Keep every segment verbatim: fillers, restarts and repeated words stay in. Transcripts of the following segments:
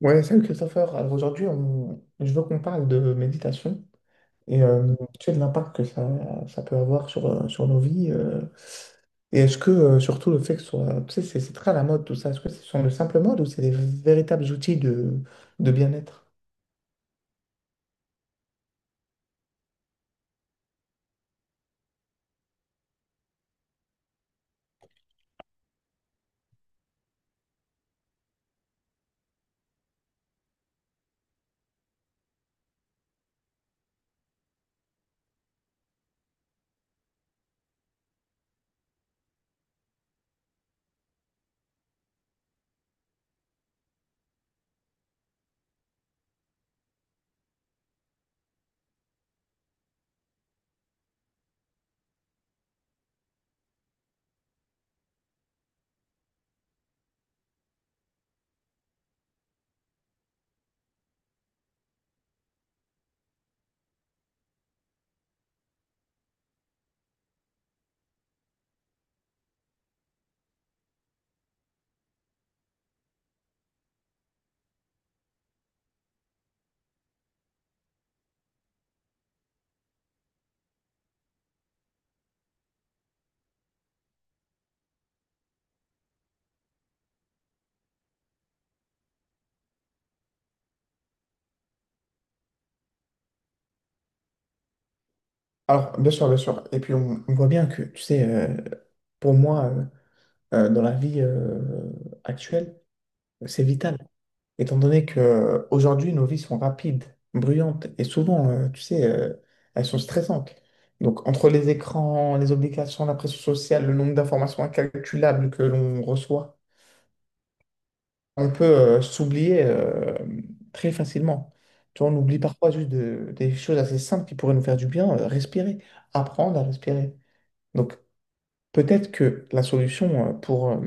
Ouais, salut Christopher. Alors aujourd'hui, on... je veux qu'on parle de méditation et euh, tu sais, de l'impact que ça, ça peut avoir sur, euh, sur nos vies. euh, Et est-ce que, euh, surtout, le fait que ce soit. Tu sais, c'est c'est très à la mode tout ça. Est-ce que ce sont de simples modes ou c'est des véritables outils de, de bien-être? Alors, bien sûr, bien sûr. Et puis, on, on voit bien que, tu sais, euh, pour moi, euh, euh, dans la vie euh, actuelle, c'est vital. Étant donné que euh, aujourd'hui nos vies sont rapides, bruyantes et souvent, euh, tu sais, euh, elles sont stressantes. Donc, entre les écrans, les obligations, la pression sociale, le nombre d'informations incalculables que l'on reçoit, on peut euh, s'oublier euh, très facilement. Tu vois, on oublie parfois juste de- des choses assez simples qui pourraient nous faire du bien, euh, respirer, apprendre à respirer. Donc, peut-être que la solution euh, pour, euh,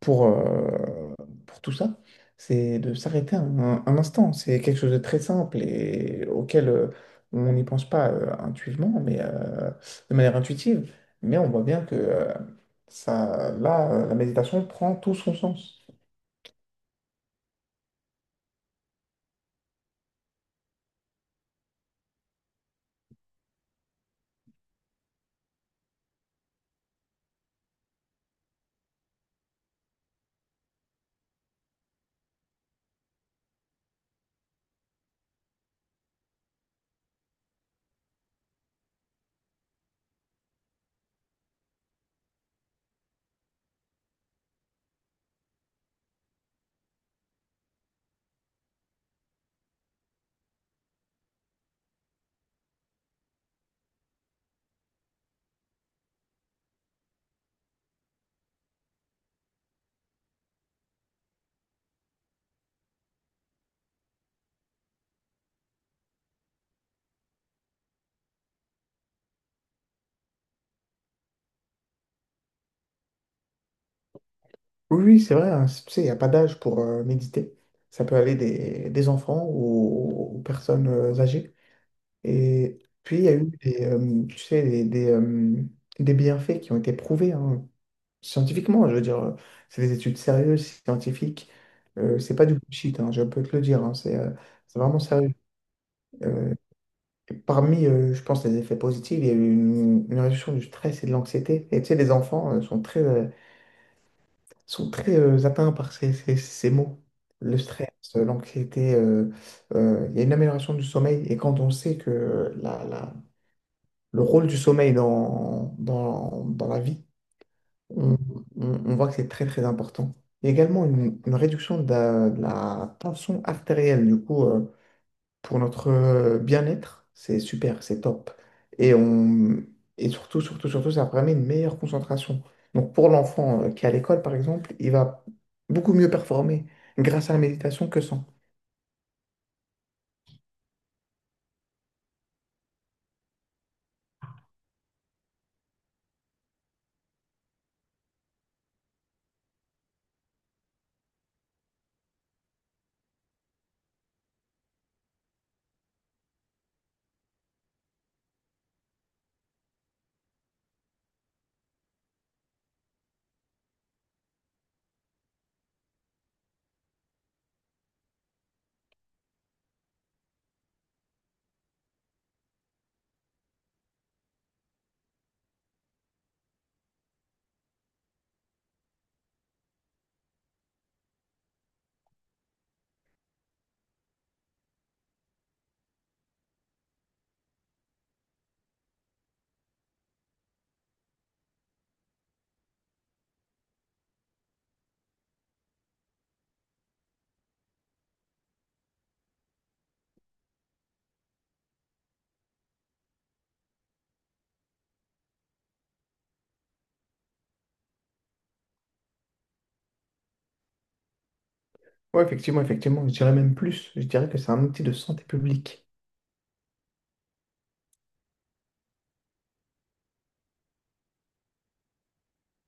pour, euh, pour tout ça, c'est de s'arrêter un, un instant. C'est quelque chose de très simple et auquel euh, on n'y pense pas euh, intuitivement, mais euh, de manière intuitive. Mais on voit bien que euh, ça, là, euh, la méditation prend tout son sens. Oui, oui, c'est vrai, hein, tu sais, il n'y a pas d'âge pour euh, méditer. Ça peut aller des, des enfants aux, aux personnes euh, âgées. Et puis, il y a eu des, euh, tu sais, des, des, euh, des bienfaits qui ont été prouvés, hein. Scientifiquement, je veux dire, euh, c'est des études sérieuses, scientifiques. Euh, c'est pas du bullshit, hein, je peux te le dire. Hein, c'est euh, c'est vraiment sérieux. Euh, et parmi, euh, je pense, les effets positifs, il y a eu une, une réduction du stress et de l'anxiété. Et tu sais, les enfants euh, sont très, euh, sont très euh, atteints par ces, ces, ces mots. Le stress, euh, l'anxiété, euh, euh, il y a une amélioration du sommeil. Et quand on sait que la, la- le rôle du sommeil dans, dans, dans la vie, on, on- on voit que c'est très très important. Il y a également une, une réduction de la, de la tension artérielle, du coup, euh, pour notre euh, bien-être, c'est super, c'est top. Et, on, et surtout, surtout, surtout, ça permet une meilleure concentration. Donc pour l'enfant euh, qui est à l'école, par exemple, il va beaucoup mieux performer grâce à la méditation que sans. Oui, effectivement, effectivement, je dirais même plus. Je dirais que c'est un outil de santé publique.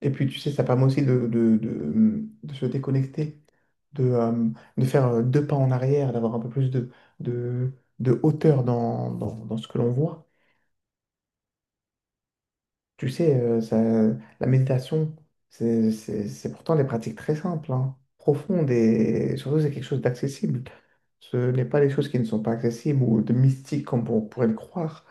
Et puis, tu sais, ça permet aussi de, de, de, de se déconnecter, de, euh, de faire euh, deux pas en arrière, d'avoir un peu plus de, de, de hauteur dans, dans, dans ce que l'on voit. Tu sais, euh, ça, la méditation, c'est c'est- c'est pourtant des pratiques très simples, hein, profondes et surtout, c'est quelque chose d'accessible. Ce n'est pas des choses qui ne sont pas accessibles ou de mystiques comme on pourrait le croire.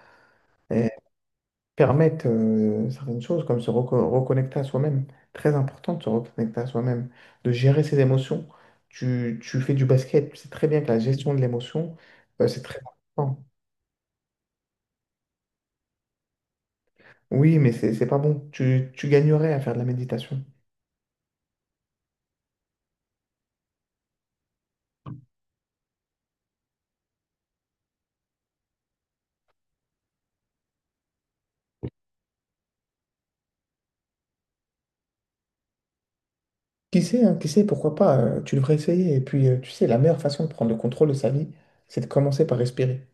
Permettent euh, certaines choses, comme se reco- reconnecter à soi-même. Très important de se reconnecter à soi-même, de gérer ses émotions. Tu, tu fais du basket, tu sais très bien que la gestion de l'émotion, euh, c'est très important. Oui, mais c'est c'est pas bon. Tu, tu gagnerais à faire de la méditation. Qui sait, hein, qui sait, pourquoi pas, euh, tu devrais essayer. Et puis, euh, tu sais, la meilleure façon de prendre le contrôle de sa vie, c'est de commencer par respirer.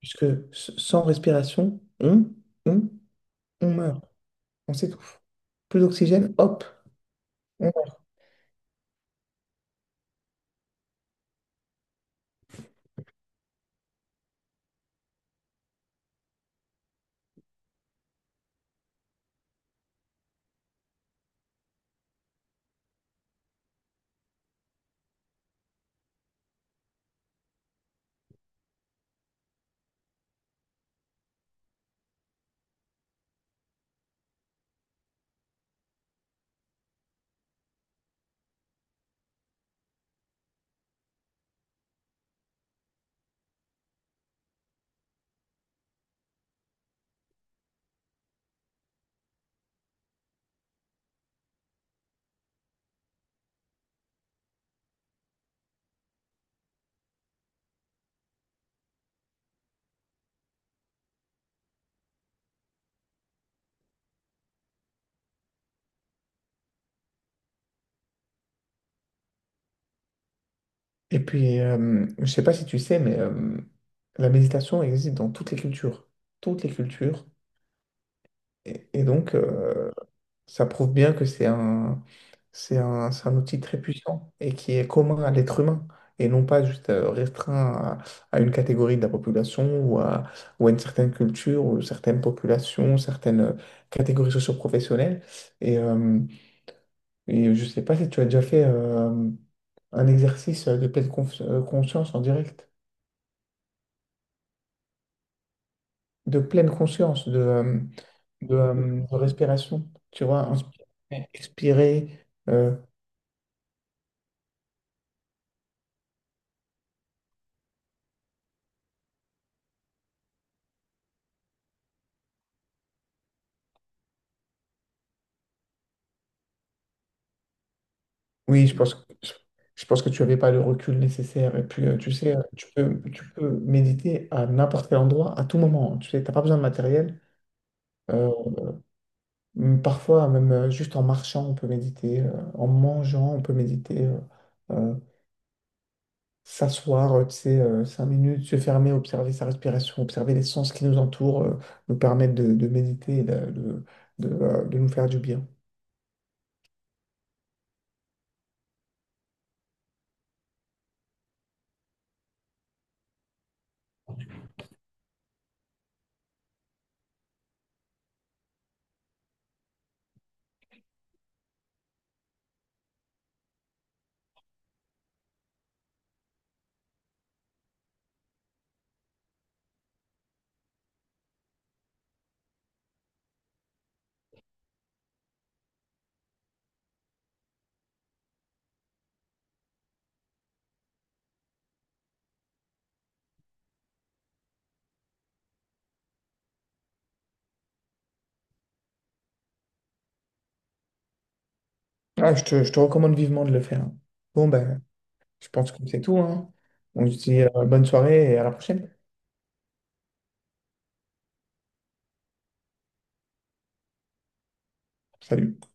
Puisque s- sans respiration, on, on, on meurt. On s'étouffe. Plus d'oxygène, hop. Et puis, euh, je sais pas si tu sais, mais euh, la méditation existe dans toutes les cultures. Toutes les cultures. Et, et donc, euh, ça prouve bien que c'est un, c'est un, c'est un outil très puissant et qui est commun à l'être humain et non pas juste euh, restreint à, à une catégorie de la population ou à, ou à une certaine culture ou certaines populations, certaines euh, catégories socio-professionnelles. Et, euh, et je sais pas si tu as déjà fait euh, un exercice de pleine conf- euh, conscience en direct. De pleine conscience, de, euh, de, euh, de respiration, tu vois, inspirer, expirer. euh, Oui, je pense que, je pense que tu n'avais pas le recul nécessaire. Et puis, euh, tu sais, euh, tu peux, tu peux méditer à n'importe quel endroit, à tout moment. Tu sais, t'as pas besoin de matériel. Euh, m- Parfois, même euh, juste en marchant, on peut méditer. Euh, en mangeant, on peut méditer. Euh, euh, S'asseoir, euh, tu sais, euh, cinq minutes, se fermer, observer sa respiration, observer les sens qui nous entourent, euh, nous permettent de, de méditer et de, de- de, euh, de nous faire du bien. Ah, je te, je te recommande vivement de le faire, hein. Bon, ben, je pense que c'est tout, hein. On se dit, euh, bonne soirée et à la prochaine. Salut.